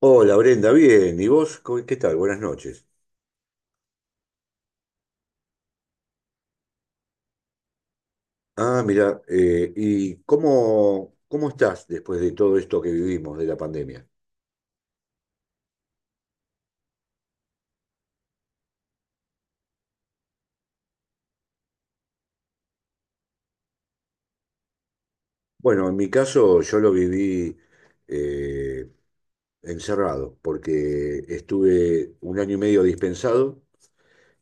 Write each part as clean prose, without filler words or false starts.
Hola Brenda, bien. ¿Y vos? ¿Qué tal? Buenas noches. Ah, mira, ¿y cómo estás después de todo esto que vivimos de la pandemia? Bueno, en mi caso yo lo viví eh, encerrado, porque estuve un año y medio dispensado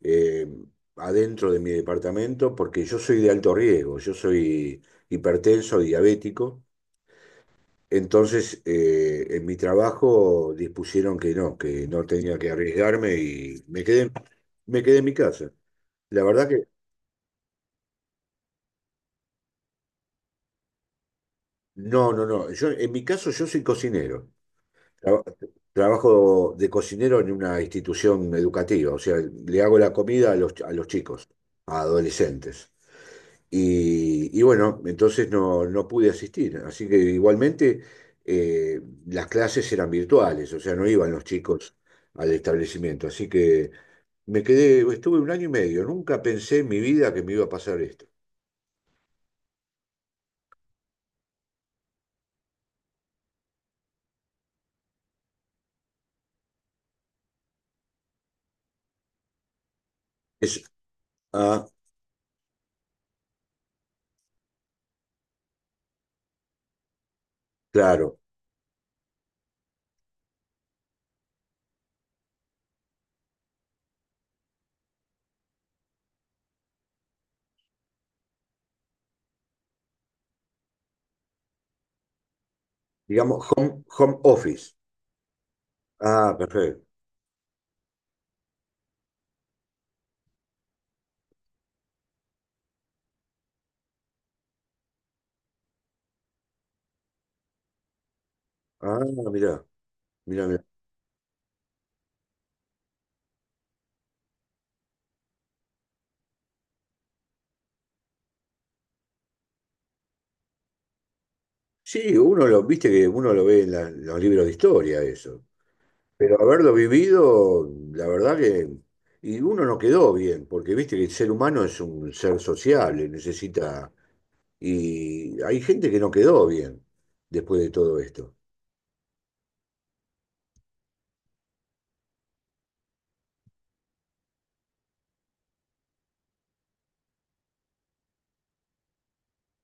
eh, adentro de mi departamento, porque yo soy de alto riesgo, yo soy hipertenso, diabético. Entonces, en mi trabajo dispusieron que no tenía que arriesgarme y me quedé en mi casa. La verdad que no, no, no. Yo, en mi caso, yo soy cocinero. Tra- Trabajo de cocinero en una institución educativa, o sea, le hago la comida a los chicos, a adolescentes. Y bueno, entonces no, no pude asistir, así que igualmente eh, las clases eran virtuales, o sea, no iban los chicos al establecimiento, así que me quedé, estuve un año y medio, nunca pensé en mi vida que me iba a pasar esto. Es, ah, claro, digamos, home office. Ah, perfecto. Ah, mirá, mirá, mirá. Sí, uno lo, viste que uno lo ve en los libros de historia eso, pero haberlo vivido, la verdad que, y uno no quedó bien, porque viste que el ser humano es un ser sociable, necesita, y hay gente que no quedó bien después de todo esto.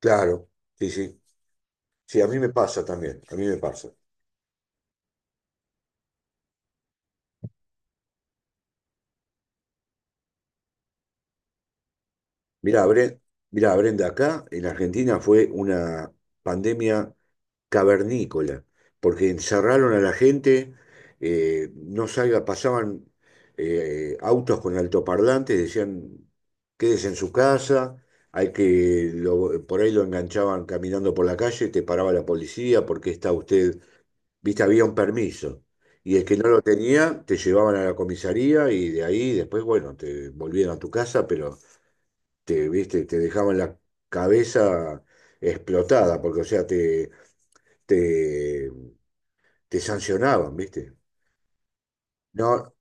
Claro, sí, sí, sí, a mí me pasa también, a mí me pasa. Mirá, Brenda, Mirá, Brenda, acá en Argentina fue una pandemia cavernícola, porque encerraron a la gente, no salga, pasaban autos con altoparlantes, decían, quédese en su casa, por ahí lo enganchaban caminando por la calle, te paraba la policía, porque está usted, viste, había un permiso. Y el que no lo tenía, te llevaban a la comisaría y de ahí después, bueno, te volvían a tu casa, pero te, viste, te dejaban la cabeza explotada, porque, o sea, te te sancionaban, ¿viste? No,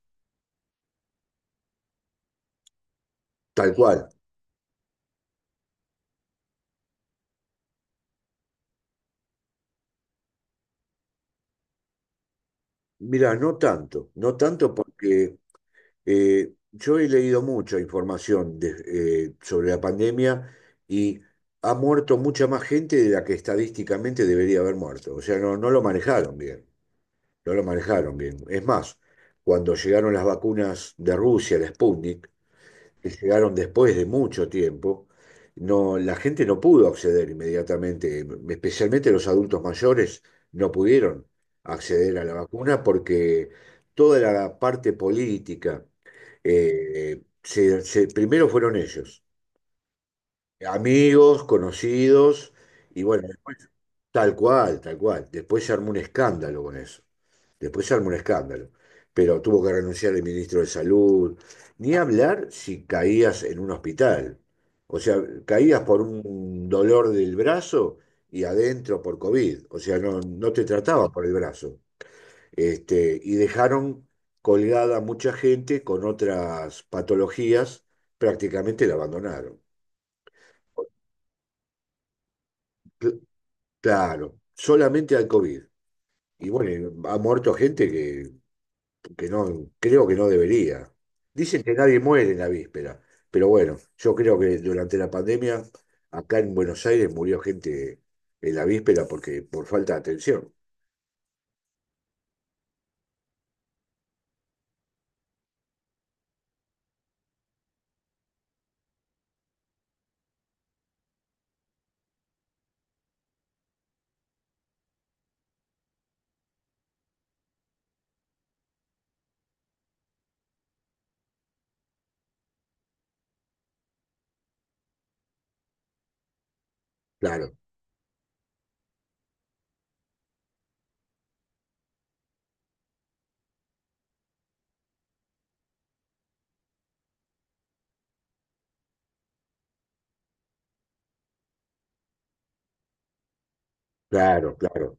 tal cual. Mira, no tanto, no tanto porque yo he leído mucha información sobre la pandemia y ha muerto mucha más gente de la que estadísticamente debería haber muerto. O sea, no, no lo manejaron bien, no lo manejaron bien. Es más, cuando llegaron las vacunas de Rusia, la Sputnik, que llegaron después de mucho tiempo, no, la gente no pudo acceder inmediatamente, especialmente los adultos mayores no pudieron acceder a la vacuna porque toda la parte política, primero fueron ellos, amigos, conocidos, y bueno, después, tal cual, tal cual. Después se armó un escándalo con eso. Después se armó un escándalo. Pero tuvo que renunciar el ministro de Salud. Ni hablar si caías en un hospital. O sea, caías por un dolor del brazo y adentro por COVID. O sea, no, no te trataba por el brazo. Este, y dejaron colgada a mucha gente con otras patologías, prácticamente la abandonaron. Claro, solamente al COVID. Y bueno, ha muerto gente que no, creo que no debería. Dicen que nadie muere en la víspera, pero bueno, yo creo que durante la pandemia, acá en Buenos Aires murió gente en la víspera porque por falta de atención. Claro, claro, claro,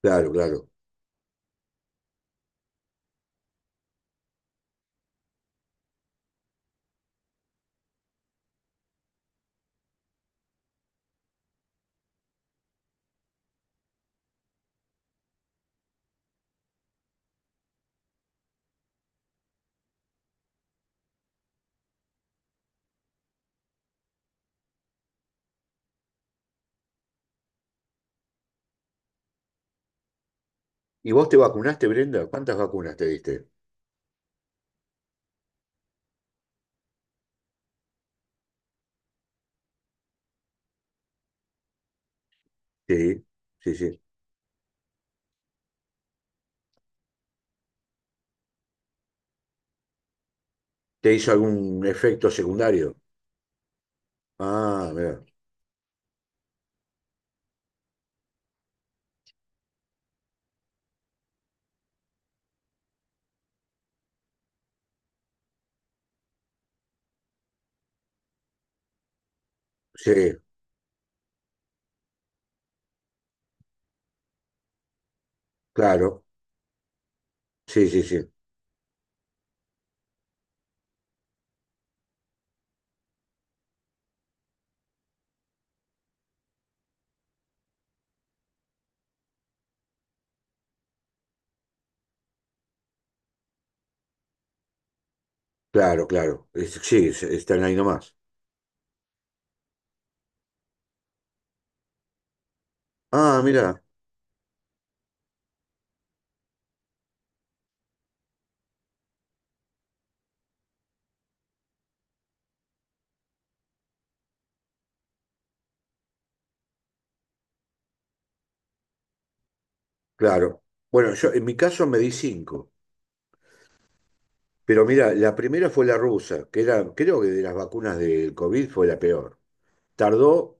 claro, claro. ¿Y vos te vacunaste, Brenda? ¿Cuántas vacunas te diste? Sí, sí, sí. ¿Te hizo algún efecto secundario? Ah, mirá. Sí, claro. Sí, sí, sí. Claro, claro. Sí, están ahí nomás. Ah, mira, claro. Bueno, yo en mi caso me di cinco. Pero mira, la primera fue la rusa, que era, creo que de las vacunas del COVID fue la peor. Tardó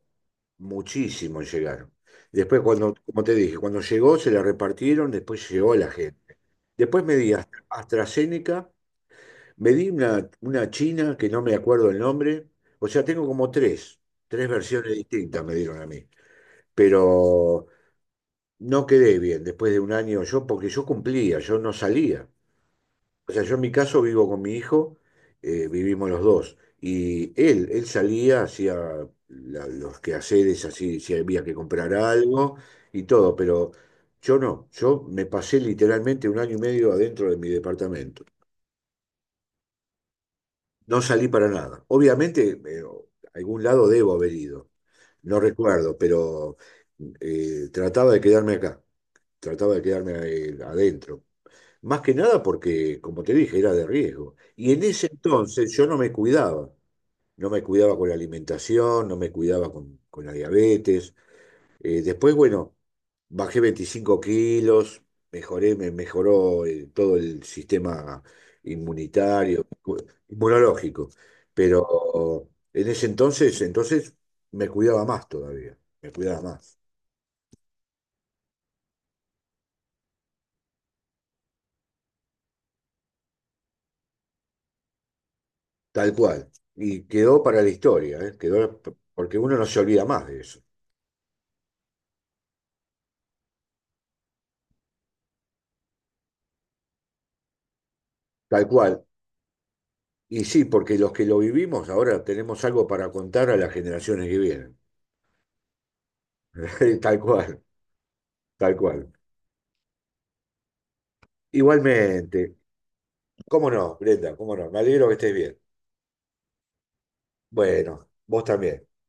muchísimo en llegar. Después, cuando, como te dije, cuando llegó se la repartieron, después llegó a la gente. Después me di AstraZeneca, me di una china que no me acuerdo el nombre. O sea, tengo como tres versiones distintas me dieron a mí. Pero no quedé bien después de un año yo, porque yo cumplía, yo no salía. O sea, yo en mi caso vivo con mi hijo, vivimos los dos. Y él salía, hacía los quehaceres, así, si había que comprar algo y todo, pero yo no. Yo me pasé literalmente un año y medio adentro de mi departamento. No salí para nada. Obviamente, a algún lado debo haber ido. No recuerdo, pero trataba de quedarme acá, trataba de quedarme adentro. Más que nada porque, como te dije, era de riesgo. Y en ese entonces yo no me cuidaba. No me cuidaba con la alimentación, no me cuidaba con la diabetes. Después, bueno, bajé 25 kilos, mejoré, me mejoró todo el sistema inmunitario, inmunológico. Pero en ese entonces, me cuidaba más todavía, me cuidaba más, tal cual. Y quedó para la historia, ¿eh? Quedó porque uno no se olvida más de eso. Tal cual. Y sí, porque los que lo vivimos ahora tenemos algo para contar a las generaciones que vienen. Tal cual, tal cual. Igualmente. ¿Cómo no, Brenda? ¿Cómo no? Me alegro que estés bien. Bueno, vos también. Bueno.